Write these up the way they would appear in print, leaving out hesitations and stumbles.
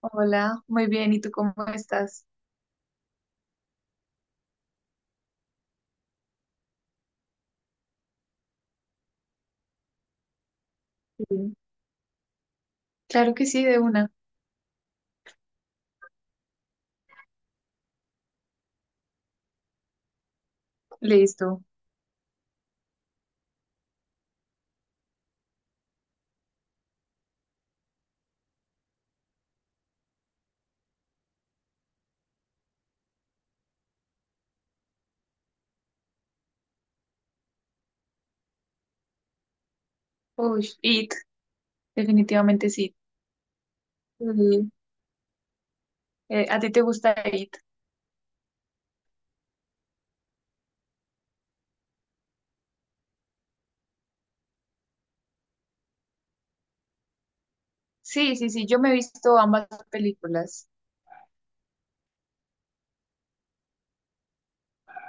Hola, muy bien, ¿y tú cómo estás? Sí, claro que sí, de una. Listo. Uy, IT, definitivamente sí. Sí. ¿A ti te gusta IT? Sí, sí, sí, yo me he visto ambas películas.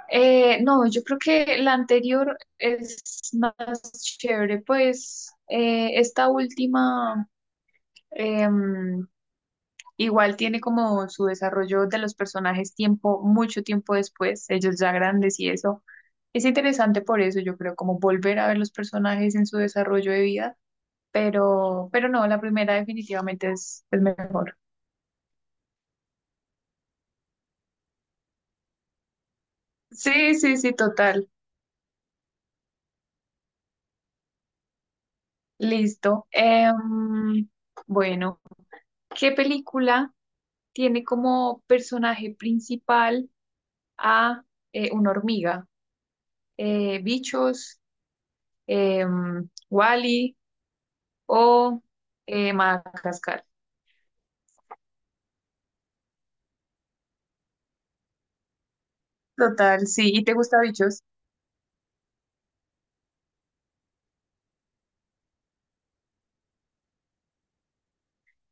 No, yo creo que la anterior es más chévere, pues esta última, em, igual tiene como su desarrollo de los personajes tiempo, mucho tiempo después, ellos ya grandes y eso. Es interesante por eso, yo creo, como volver a ver los personajes en su desarrollo de vida, pero no, la primera definitivamente es el mejor. Sí, sí, sí, total. Listo. Bueno, ¿qué película tiene como personaje principal a una hormiga? Bichos, Wally o Madagascar. Total, sí. ¿Y te gusta Bichos?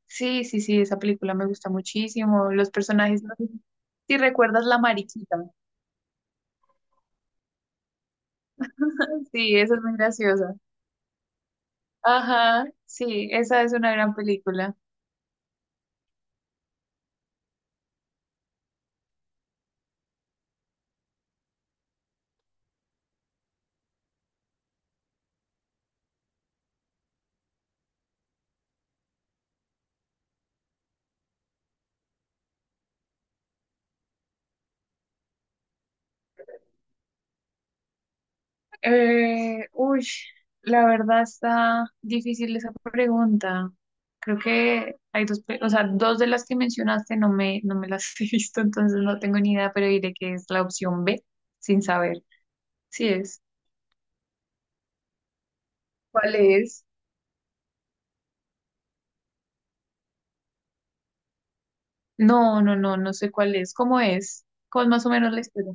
Sí, sí, sí, esa película me gusta muchísimo. Los personajes, no sé si recuerdas la mariquita. Sí, esa es muy graciosa. Ajá, sí, esa es una gran película. Uy, la verdad está difícil esa pregunta. Creo que hay dos, o sea, dos de las que mencionaste no me las he visto, entonces no tengo ni idea, pero diré que es la opción B, sin saber. Sí es. ¿Cuál es? No, no, no, no sé cuál es. ¿Cómo es? ¿Cuál más o menos la historia?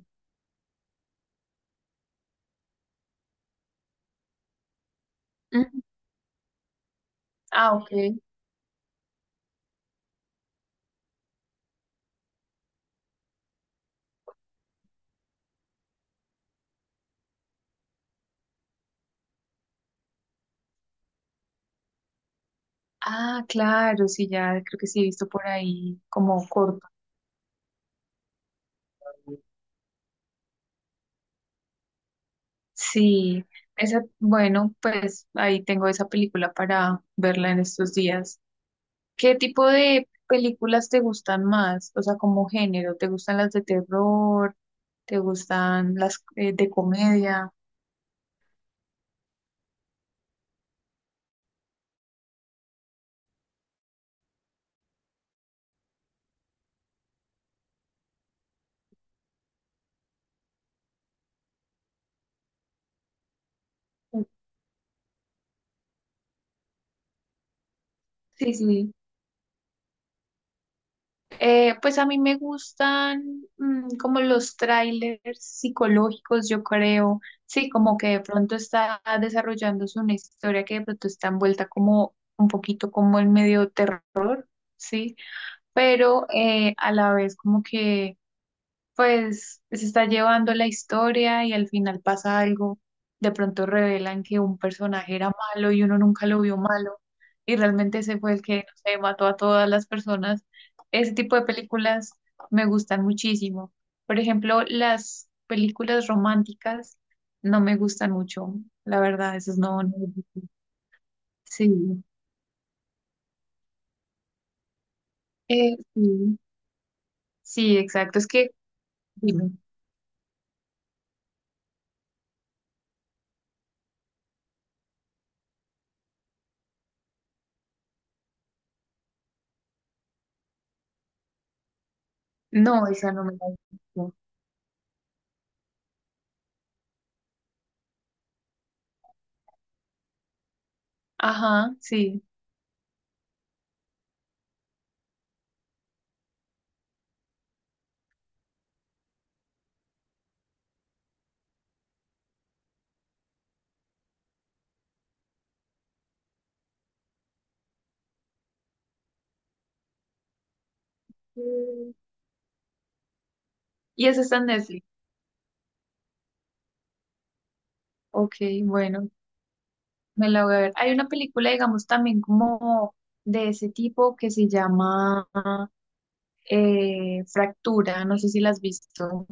Ujú. Ah, ok. Ah, claro, sí, ya creo que sí he visto por ahí como corto. Sí, esa, bueno, pues ahí tengo esa película para verla en estos días. ¿Qué tipo de películas te gustan más? O sea, como género, ¿te gustan las de terror? ¿Te gustan las de comedia? Sí, sí. Pues a mí me gustan como los trailers psicológicos, yo creo. Sí, como que de pronto está desarrollándose una historia que de pronto está envuelta como un poquito como en medio terror, sí, pero a la vez como que pues, se está llevando la historia y al final pasa algo. De pronto revelan que un personaje era malo y uno nunca lo vio malo y realmente ese fue el que, no sé, mató a todas las personas. Ese tipo de películas me gustan muchísimo. Por ejemplo, las películas románticas no me gustan mucho, la verdad, esas no, no- Sí, sí, sí, exacto. Es que, dime, no, esa no me la he visto. Ajá, sí. ¿Y eso está en Netflix? Ok, bueno, me la voy a ver. Hay una película, digamos, también como de ese tipo que se llama Fractura. No sé si la has visto.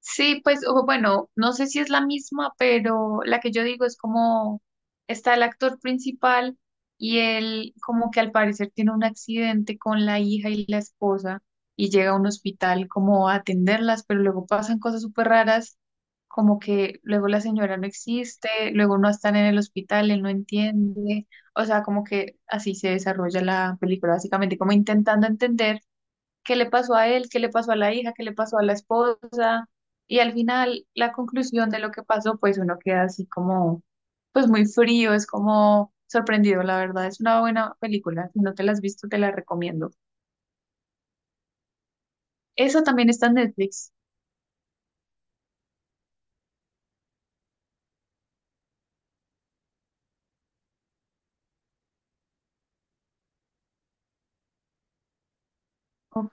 Sí, pues o bueno, no sé si es la misma, pero la que yo digo es como está el actor principal y él como que al parecer tiene un accidente con la hija y la esposa y llega a un hospital como a atenderlas, pero luego pasan cosas súper raras, como que luego la señora no existe, luego no están en el hospital, él no entiende, o sea, como que así se desarrolla la película, básicamente como intentando entender qué le pasó a él, qué le pasó a la hija, qué le pasó a la esposa. Y al final, la conclusión de lo que pasó, pues uno queda así como, pues muy frío, es como sorprendido, la verdad. Es una buena película. Si no te la has visto, te la recomiendo. Eso también está en Netflix. Ok.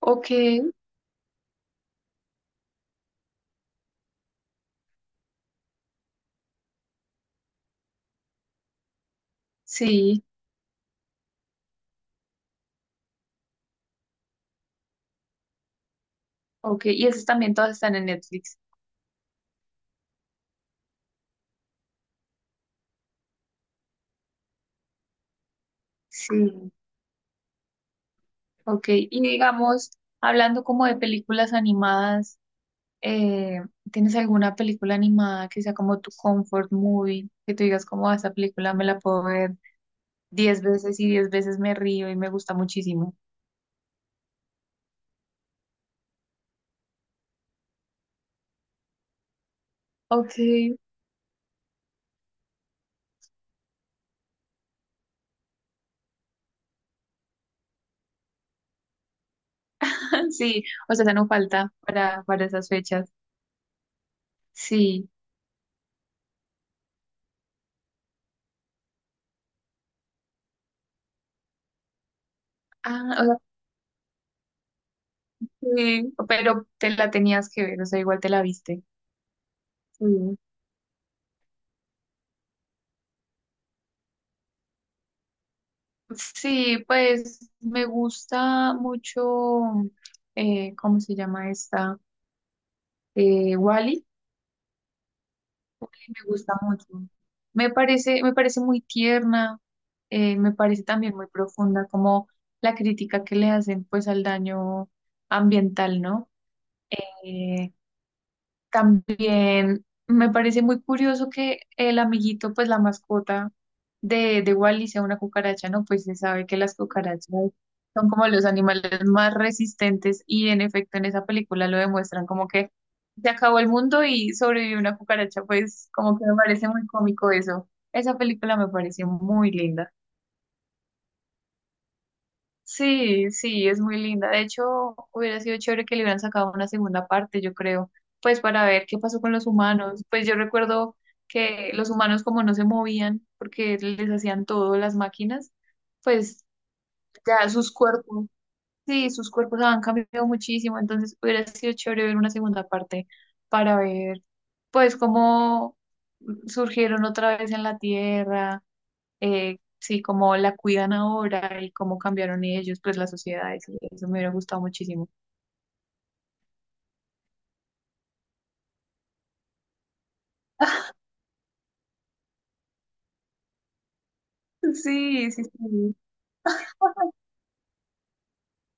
Ok, sí, ok. ¿Y esas también todas están en Netflix? Sí, ok. Y digamos, hablando como de películas animadas. eh, ¿Tienes alguna película animada que sea como tu comfort movie? Que tú digas como "Ah, esta película me la puedo ver 10 veces y 10 veces me río y me gusta muchísimo." Ok, sí, o sea, esa no falta para esas fechas. Sí, ah, o sea, sí, pero te la tenías que ver, o sea, igual te la viste. Sí. Sí, pues me gusta mucho, ¿cómo se llama esta? Wall-E. Me gusta mucho. Me parece muy tierna, me parece también muy profunda como la crítica que le hacen pues al daño ambiental, ¿no? Eh, También me parece muy curioso que el amiguito, pues la mascota de Wally sea una cucaracha, ¿no? Pues se sabe que las cucarachas son como los animales más resistentes y en efecto en esa película lo demuestran como que se acabó el mundo y sobrevivió una cucaracha, pues como que me parece muy cómico eso. Esa película me pareció muy linda. Sí, sí, es muy linda. De hecho, hubiera sido chévere que le hubieran sacado una segunda parte, yo creo, pues para ver qué pasó con los humanos. Pues yo recuerdo que los humanos como no se movían porque les hacían todo las máquinas, pues ya sus cuerpos, sí, sus cuerpos han cambiado muchísimo, entonces hubiera sido chévere ver una segunda parte para ver pues cómo surgieron otra vez en la Tierra sí, cómo la cuidan ahora y cómo cambiaron ellos, pues la sociedad eso me hubiera gustado muchísimo. Sí, sí, sí,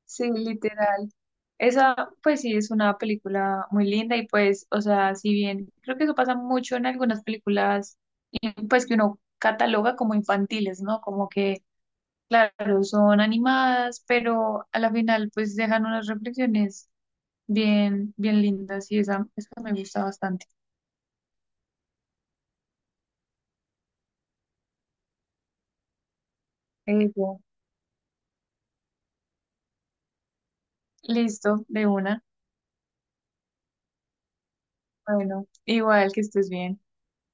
sí, literal. Esa, pues sí, es una película muy linda y pues, o sea, si bien creo que eso pasa mucho en algunas películas, y, pues que uno cataloga como infantiles, ¿no? Como que, claro, son animadas, pero a la final pues dejan unas reflexiones bien lindas y esa me gusta bastante. Eso, listo, de una. Bueno, igual que estés bien.